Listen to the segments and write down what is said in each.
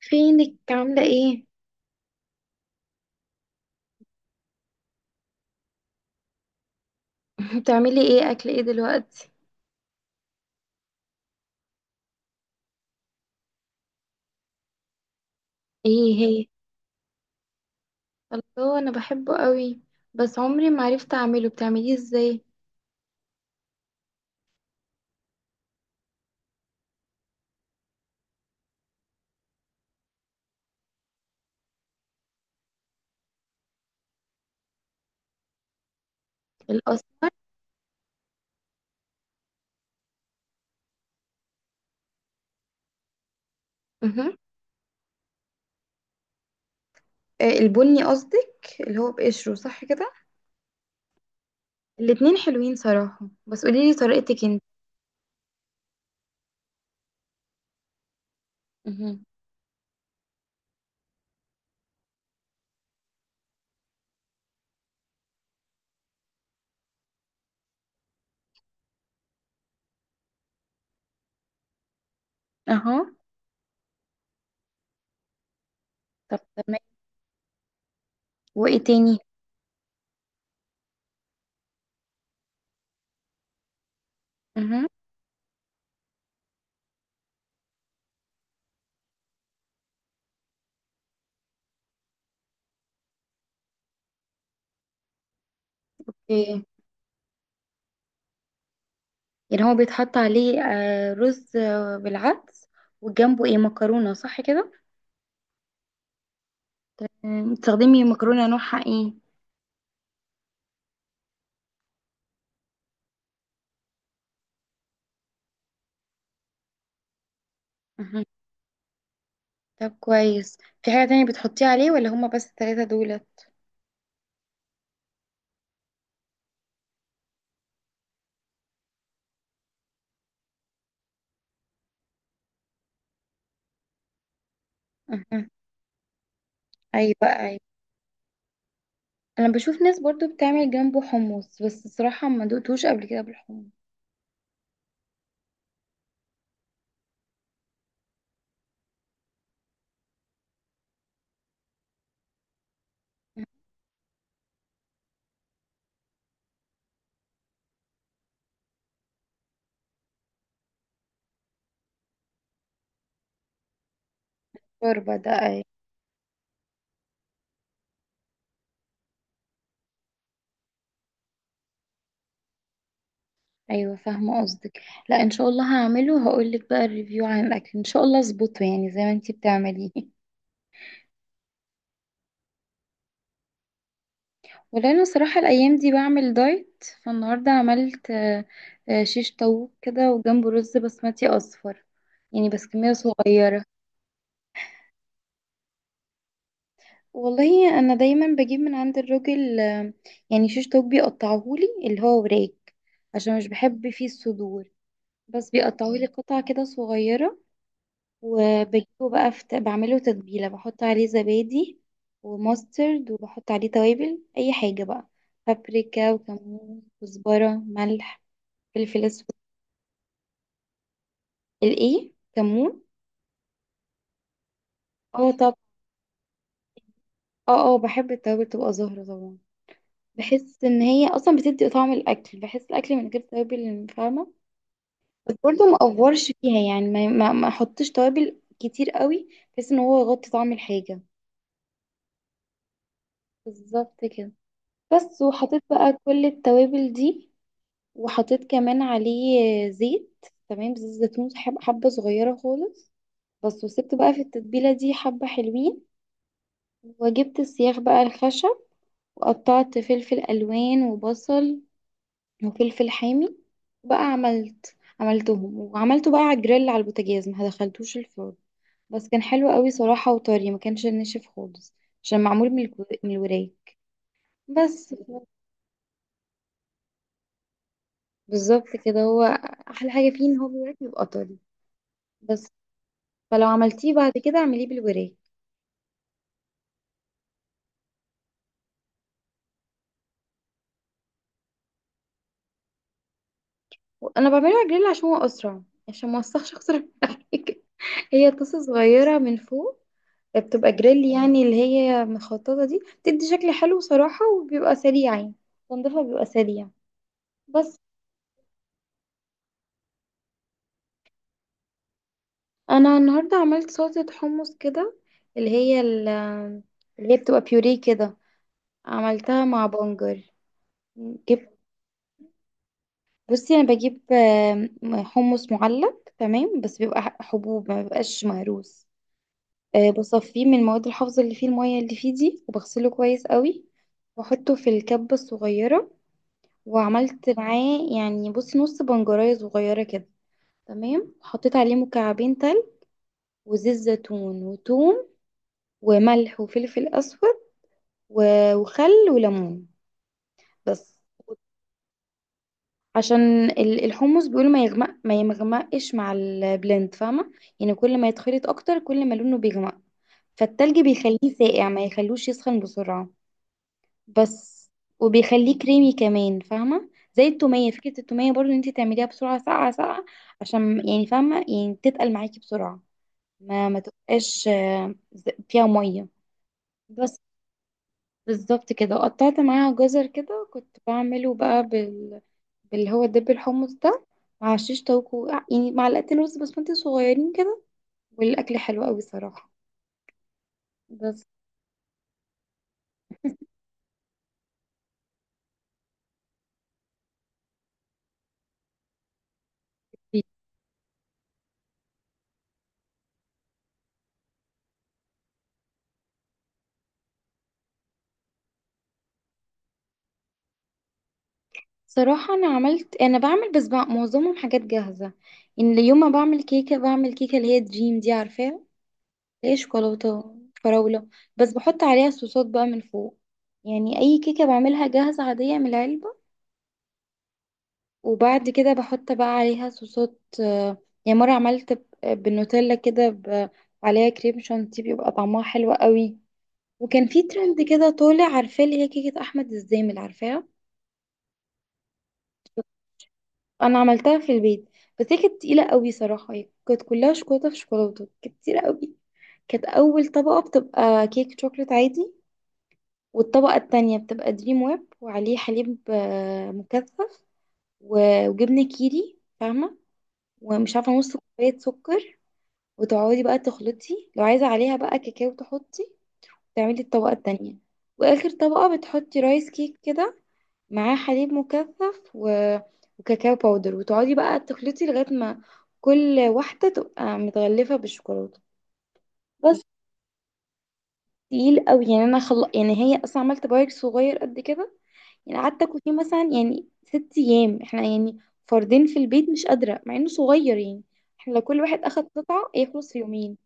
فينك عاملة ايه؟ بتعملي ايه، اكل ايه دلوقتي؟ ايه هي؟ الله، انا بحبه قوي. بس عمري ما عرفت اعمله، بتعمليه ازاي؟ الأصل. مهم. البني قصدك، اللي هو بقشره صح كده؟ الاتنين حلوين صراحة، بس قوليلي طريقتك انت. مهم. اهو. طب تمام. وايه تاني؟ مهم. ايه، يعني هو بيتحط عليه رز بالعدس، وجنبه ايه، مكرونة صح كده؟ تمام. بتستخدمي مكرونة نوعها ايه؟ طب كويس. في حاجة تانية بتحطيه عليه ولا هما بس التلاتة دولت؟ أها. أيوة أيوة. أنا بشوف ناس برضو بتعمل جنبه حمص، بس الصراحة ما دوقتوش قبل كده بالحمص. أها. شوربة ده، أيوة. أيوة، فاهمة قصدك. لا، إن شاء الله هعمله، هقولك بقى الريفيو عن الأكل، إن شاء الله أظبطه يعني زي ما أنتي بتعمليه. ولأنه صراحة الأيام دي بعمل دايت، فالنهاردة عملت شيش طاووق كده، وجنبه رز بسمتي أصفر. يعني بس كمية صغيرة. والله انا دايما بجيب من عند الراجل يعني شيش طاووق بيقطعهولي، اللي هو وراك، عشان مش بحب فيه الصدور. بس بيقطعهولي قطع كده صغيرة. وبجيبه بقى، بعمله تتبيلة، بحط عليه زبادي وماسترد، وبحط عليه توابل اي حاجة بقى: بابريكا، وكمون، كزبرة، ملح، فلفل اسود. الايه، كمون؟ اه، طب. اه، اه، بحب التوابل تبقى زهرة طبعا. بحس ان هي اصلا بتدي طعم الاكل، بحس الاكل من غير توابل فاهمة؟ بس برضه ما افورش فيها، يعني ما احطش توابل كتير قوي بحيث ان هو يغطي طعم الحاجه. بالظبط كده. بس وحطيت بقى كل التوابل دي، وحطيت كمان عليه زيت، تمام، زيت زيتون، حبه صغيره خالص. بس، وسبت بقى في التتبيله دي حبه حلوين. وجبت السياخ بقى الخشب، وقطعت فلفل الوان وبصل وفلفل حامي. بقى عملتهم وعملته بقى على الجريل، على البوتاجاز، ما دخلتوش الفرن. بس كان حلو قوي صراحة، وطري، ما كانش ناشف خالص. عشان معمول من الوراك. بس. بالظبط كده هو، احلى حاجة فيه ان هو بالوراك بيبقى طري. بس، فلو عملتيه بعد كده اعمليه بالوراك. انا بعمله على الجريل عشان هو اسرع، عشان ما اوسخش اكتر من حاجة. هي طاسة صغيرة من فوق بتبقى جريل، يعني اللي هي مخططة دي بتدي شكل حلو صراحة، وبيبقى سريع، يعني تنظيفها بيبقى سريع. بس. أنا النهاردة عملت سلطة حمص كده، اللي هي ال- اللي هي بتبقى بيوريه كده، عملتها مع بنجر. جبت بصي، أنا بجيب حمص معلب، تمام، بس بيبقى حبوب، ما بيبقاش مهروس. بصفيه من المواد الحافظة اللي فيه، المية اللي فيه دي، وبغسله كويس قوي. واحطه في الكبة الصغيرة. وعملت معاه يعني، بصي، نص بنجرية صغيرة كده، تمام. حطيت عليه مكعبين تلج وزيت زيتون وتوم وملح وفلفل أسود وخل وليمون. بس. عشان الحمص بيقولوا ما يغمق، ما يمغمقش مع البلند فاهمة؟ يعني كل ما يتخلط أكتر، كل ما لونه بيغمق. فالتلج بيخليه ساقع، ما يخلوش يسخن بسرعة. بس. وبيخليه كريمي كمان فاهمة، زي التومية، فكرة التومية برضو ان انت تعمليها بسرعة، ساقعة ساقعة، عشان يعني فاهمة، يعني تتقل معاكي بسرعة، ما تبقاش فيها مية. بس. بالظبط كده، وقطعت معاها جزر كده، كنت بعمله بقى باللي هو دب الحمص ده، مع شيش طاووق يعني معلقتين رز بسمتي صغيرين كده. والأكل حلو قوي صراحة. بس. صراحة أنا بعمل بس معظمهم حاجات جاهزة. إن يوم ما بعمل كيكة، بعمل كيكة اللي هي دريم دي، عارفاها؟ اللي هي شوكولاتة، فراولة. بس بحط عليها صوصات بقى من فوق، يعني أي كيكة بعملها جاهزة عادية من العلبة، وبعد كده بحط بقى عليها صوصات، يعني مرة عملت بالنوتيلا كده، عليها كريم شانتيه، بيبقى طعمها حلو قوي. وكان في ترند كده طالع، عارفاه، اللي هي كيكة أحمد الزامل، عارفاها؟ انا عملتها في البيت، بس هي كانت تقيله قوي صراحه، هي كانت كلها شوكولاته في شوكولاته، كانت تقيله قوي. كانت اول طبقه بتبقى كيك شوكليت عادي، والطبقه التانية بتبقى دريم ويب، وعليه حليب مكثف، وجبنه كيري فاهمه، ومش عارفه، نص كوبايه سكر، وتقعدي بقى تخلطي. لو عايزه عليها بقى كاكاو تحطي، تعملي الطبقه التانية. واخر طبقه بتحطي رايس كيك كده، معاه حليب مكثف وكاكاو باودر، وتقعدي بقى تخلطي لغاية ما كل واحدة تبقى متغلفة بالشوكولاتة. بس. تقيل قوي يعني، انا يعني هي اصلا عملت بايك صغير قد كده، يعني قعدت اكل فيه مثلا يعني 6 ايام، احنا يعني فردين في البيت، مش قادرة مع انه صغير يعني. احنا لو كل واحد اخد قطعة يخلص في يومين.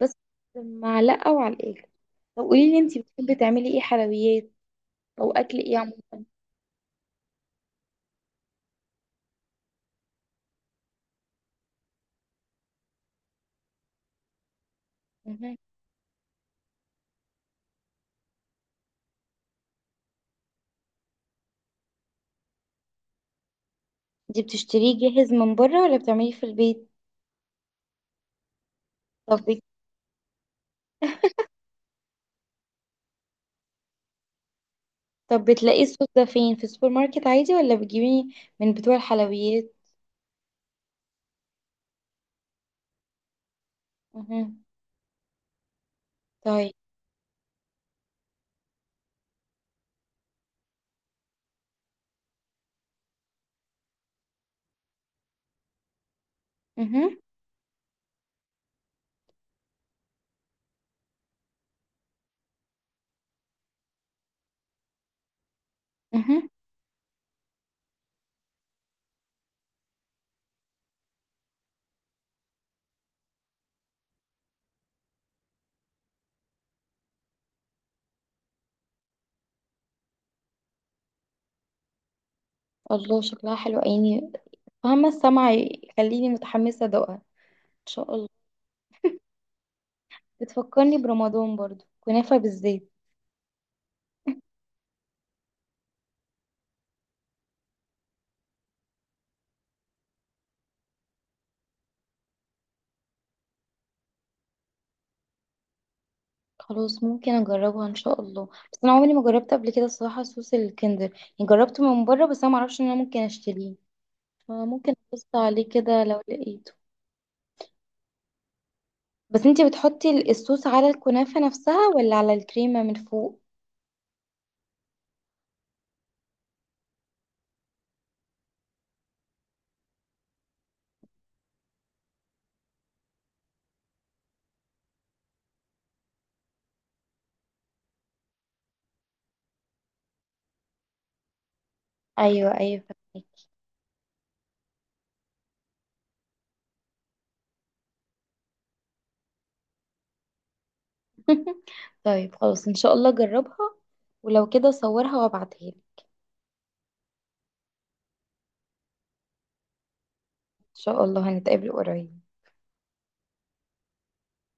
بس، معلقة وعلى الاخر. طب قولي لي، انتي بتحبي تعملي ايه حلويات، او اكل ايه عموما؟ مهم. دي بتشتريه جاهز من بره ولا بتعمليه في البيت؟ طب بت- طب بتلاقيه الصوص ده فين، في السوبر ماركت عادي، ولا بتجيبيه من بتوع الحلويات؟ اها، طيب. اها، اها. الله، شكلها حلو عيني، فاهمة السمع يخليني متحمسة ادوقها ان شاء الله. بتفكرني برمضان برضو، كنافة بالزيت. خلاص، ممكن اجربها ان شاء الله. بس انا عمري ما جربت قبل كده الصراحة صوص الكندر، يعني جربته من بره بس انا معرفش ان انا ممكن اشتريه، فممكن ابص عليه كده لو لقيته. بس انتي بتحطي الصوص على الكنافة نفسها ولا على الكريمة من فوق؟ ايوه ايوه، فهمك. طيب، خلاص، ان شاء الله جربها. ولو كده صورها وابعتها لي، ان شاء الله هنتقابل قريب.